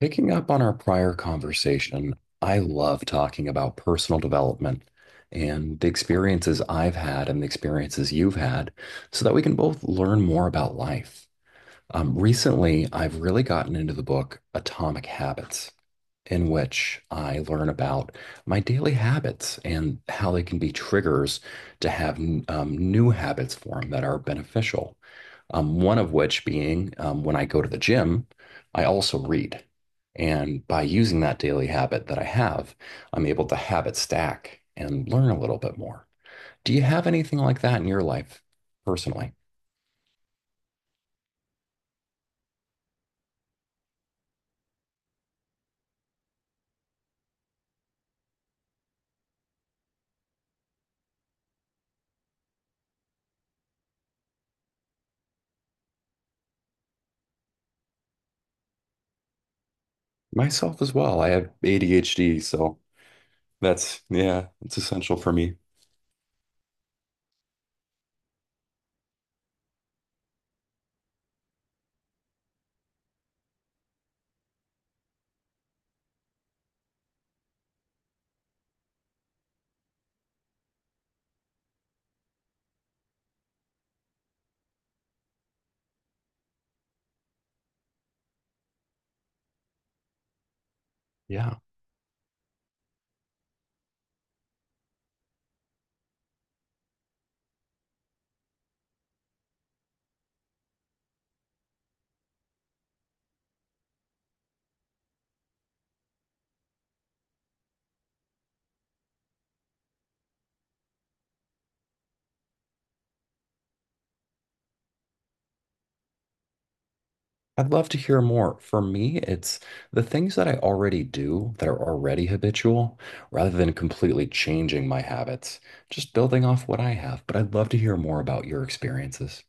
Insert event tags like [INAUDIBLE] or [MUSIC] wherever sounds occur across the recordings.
Picking up on our prior conversation, I love talking about personal development and the experiences I've had and the experiences you've had so that we can both learn more about life. Recently, I've really gotten into the book Atomic Habits, in which I learn about my daily habits and how they can be triggers to have new habits form that are beneficial. One of which being when I go to the gym, I also read. And by using that daily habit that I have, I'm able to habit stack and learn a little bit more. Do you have anything like that in your life personally? Myself as well. I have ADHD, so that's, yeah, it's essential for me. Yeah. I'd love to hear more. For me, it's the things that I already do that are already habitual rather than completely changing my habits, just building off what I have. But I'd love to hear more about your experiences.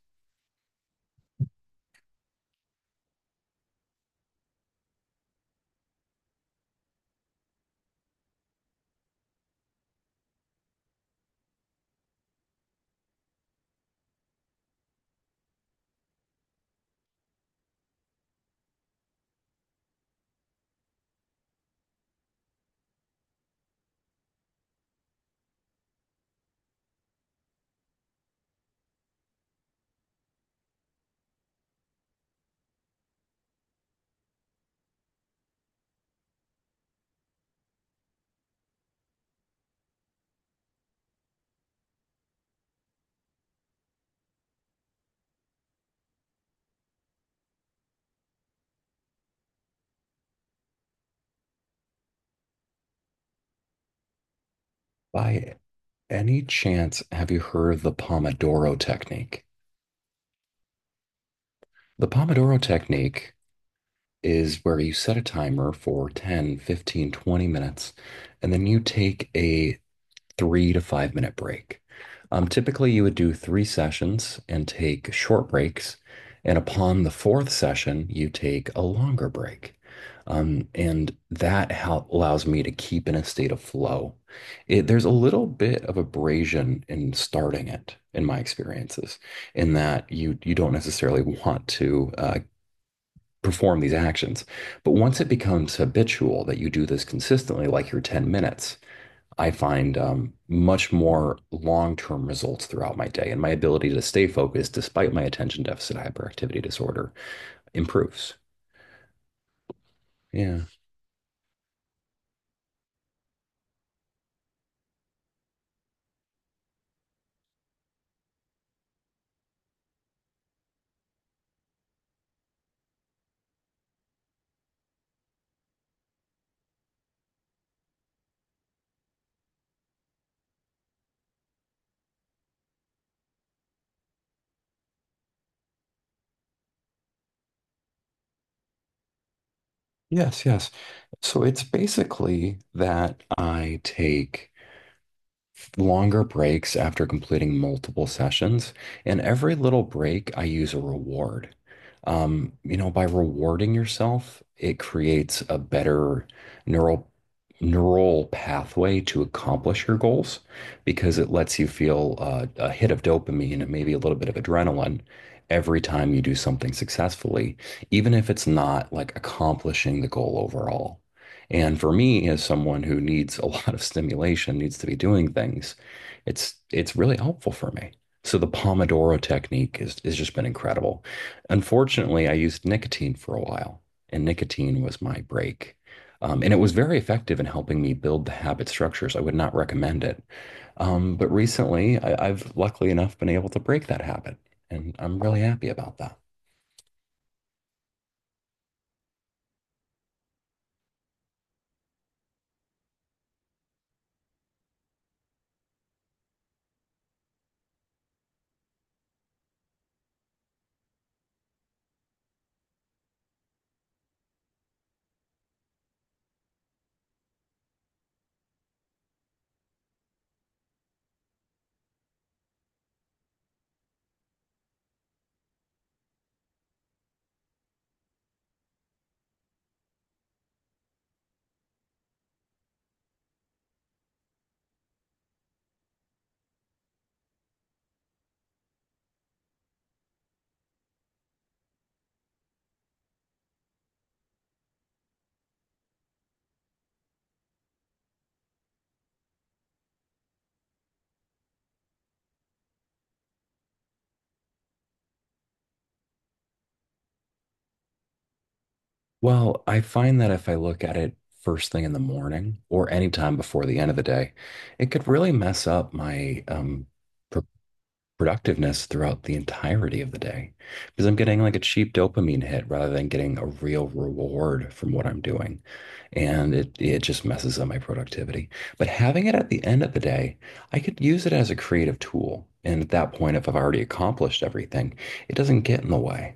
By any chance, have you heard of the Pomodoro technique? The Pomodoro technique is where you set a timer for 10, 15, 20 minutes, and then you take a 3 to 5 minute break. Typically, you would do three sessions and take short breaks. And upon the fourth session, you take a longer break. And that allows me to keep in a state of flow. It, there's a little bit of abrasion in starting it, in my experiences, in that you don't necessarily [LAUGHS] want to perform these actions. But once it becomes habitual that you do this consistently, like your 10 minutes, I find much more long-term results throughout my day, and my ability to stay focused despite my attention deficit hyperactivity disorder improves. Yeah. Yes, yes. So it's basically that I take longer breaks after completing multiple sessions. And every little break, I use a reward. By rewarding yourself, it creates a better neural neural pathway to accomplish your goals because it lets you feel a hit of dopamine and maybe a little bit of adrenaline every time you do something successfully, even if it's not like accomplishing the goal overall. And for me, as someone who needs a [LAUGHS] lot of stimulation, needs to be doing things, it's really helpful for me. So the Pomodoro technique is has just been incredible. Unfortunately, I used nicotine for a while, and nicotine was my break. And it was very effective in helping me build the habit structures. I would not recommend it. But recently, I've luckily enough been able to break that habit, and I'm really happy about that. Well, I find that if I look at it first thing in the morning or any time before the end of the day, it could really mess up my productiveness throughout the entirety of the day because I'm getting like a cheap dopamine hit rather than getting a real reward from what I'm doing, and it just messes up my productivity. But having it at the end of the day, I could use it as a creative tool. And at that point, if I've already accomplished everything, it doesn't get in the way.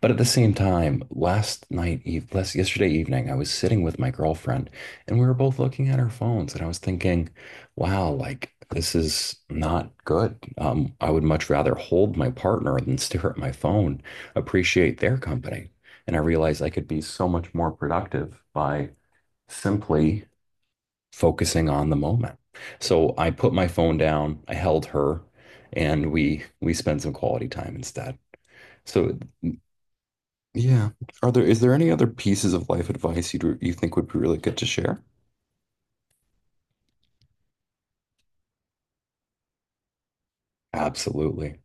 But at the same time, last yesterday evening, I was sitting with my girlfriend and we were both looking at our phones and I was thinking, wow, like this is not good. I would much rather hold my partner than stare at my phone, appreciate their company. And I realized I could be so much more productive by simply focusing on the moment. So I put my phone down, I held her, and we spent some quality time instead. So yeah, are there is there any other pieces of life advice you think would be really good to share? Absolutely.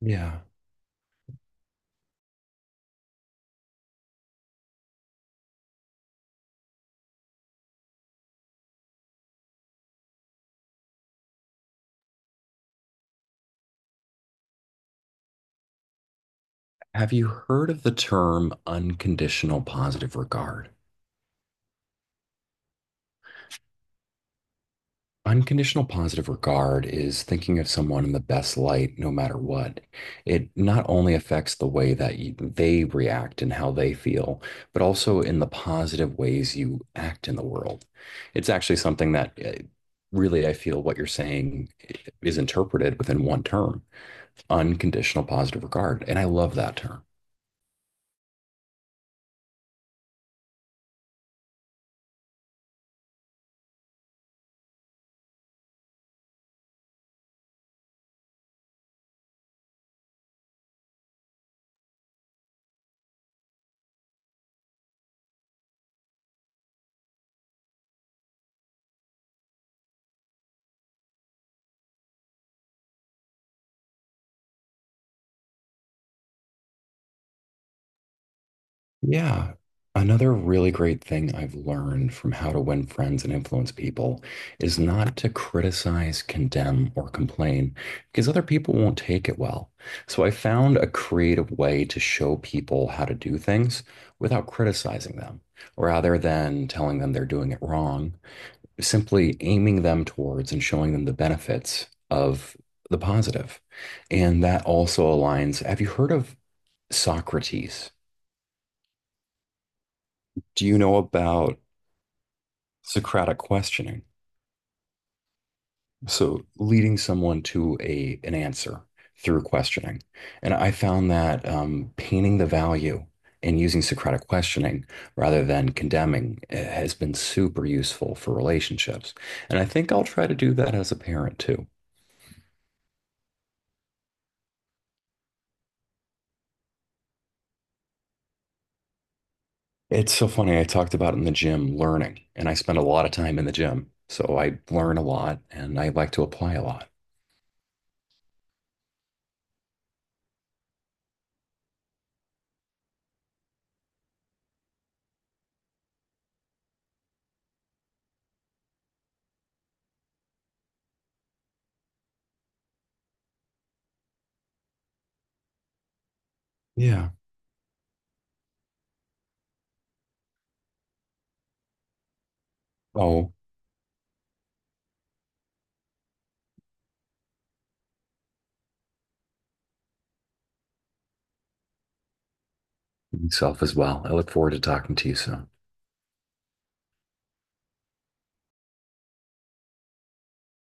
Yeah. Have you heard of the term unconditional positive regard? Unconditional positive regard is thinking of someone in the best light, no matter what. It not only affects the way that they react and how they feel, but also in the positive ways you act in the world. It's actually something that really I feel what you're saying is interpreted within one term, unconditional positive regard. And I love that term. Yeah. Another really great thing I've learned from how to win friends and influence people is not to criticize, condemn, or complain because other people won't take it well. So I found a creative way to show people how to do things without criticizing them, rather than telling them they're doing it wrong, simply aiming them towards and showing them the benefits of the positive. And that also aligns. Have you heard of Socrates? Do you know about Socratic questioning? So leading someone to a an answer through questioning. And I found that painting the value and using Socratic questioning rather than condemning has been super useful for relationships. And I think I'll try to do that as a parent too. It's so funny. I talked about in the gym learning, and I spend a lot of time in the gym. So I learn a lot and I like to apply a lot. Yeah. Oh, myself as well. I look forward to talking to you soon.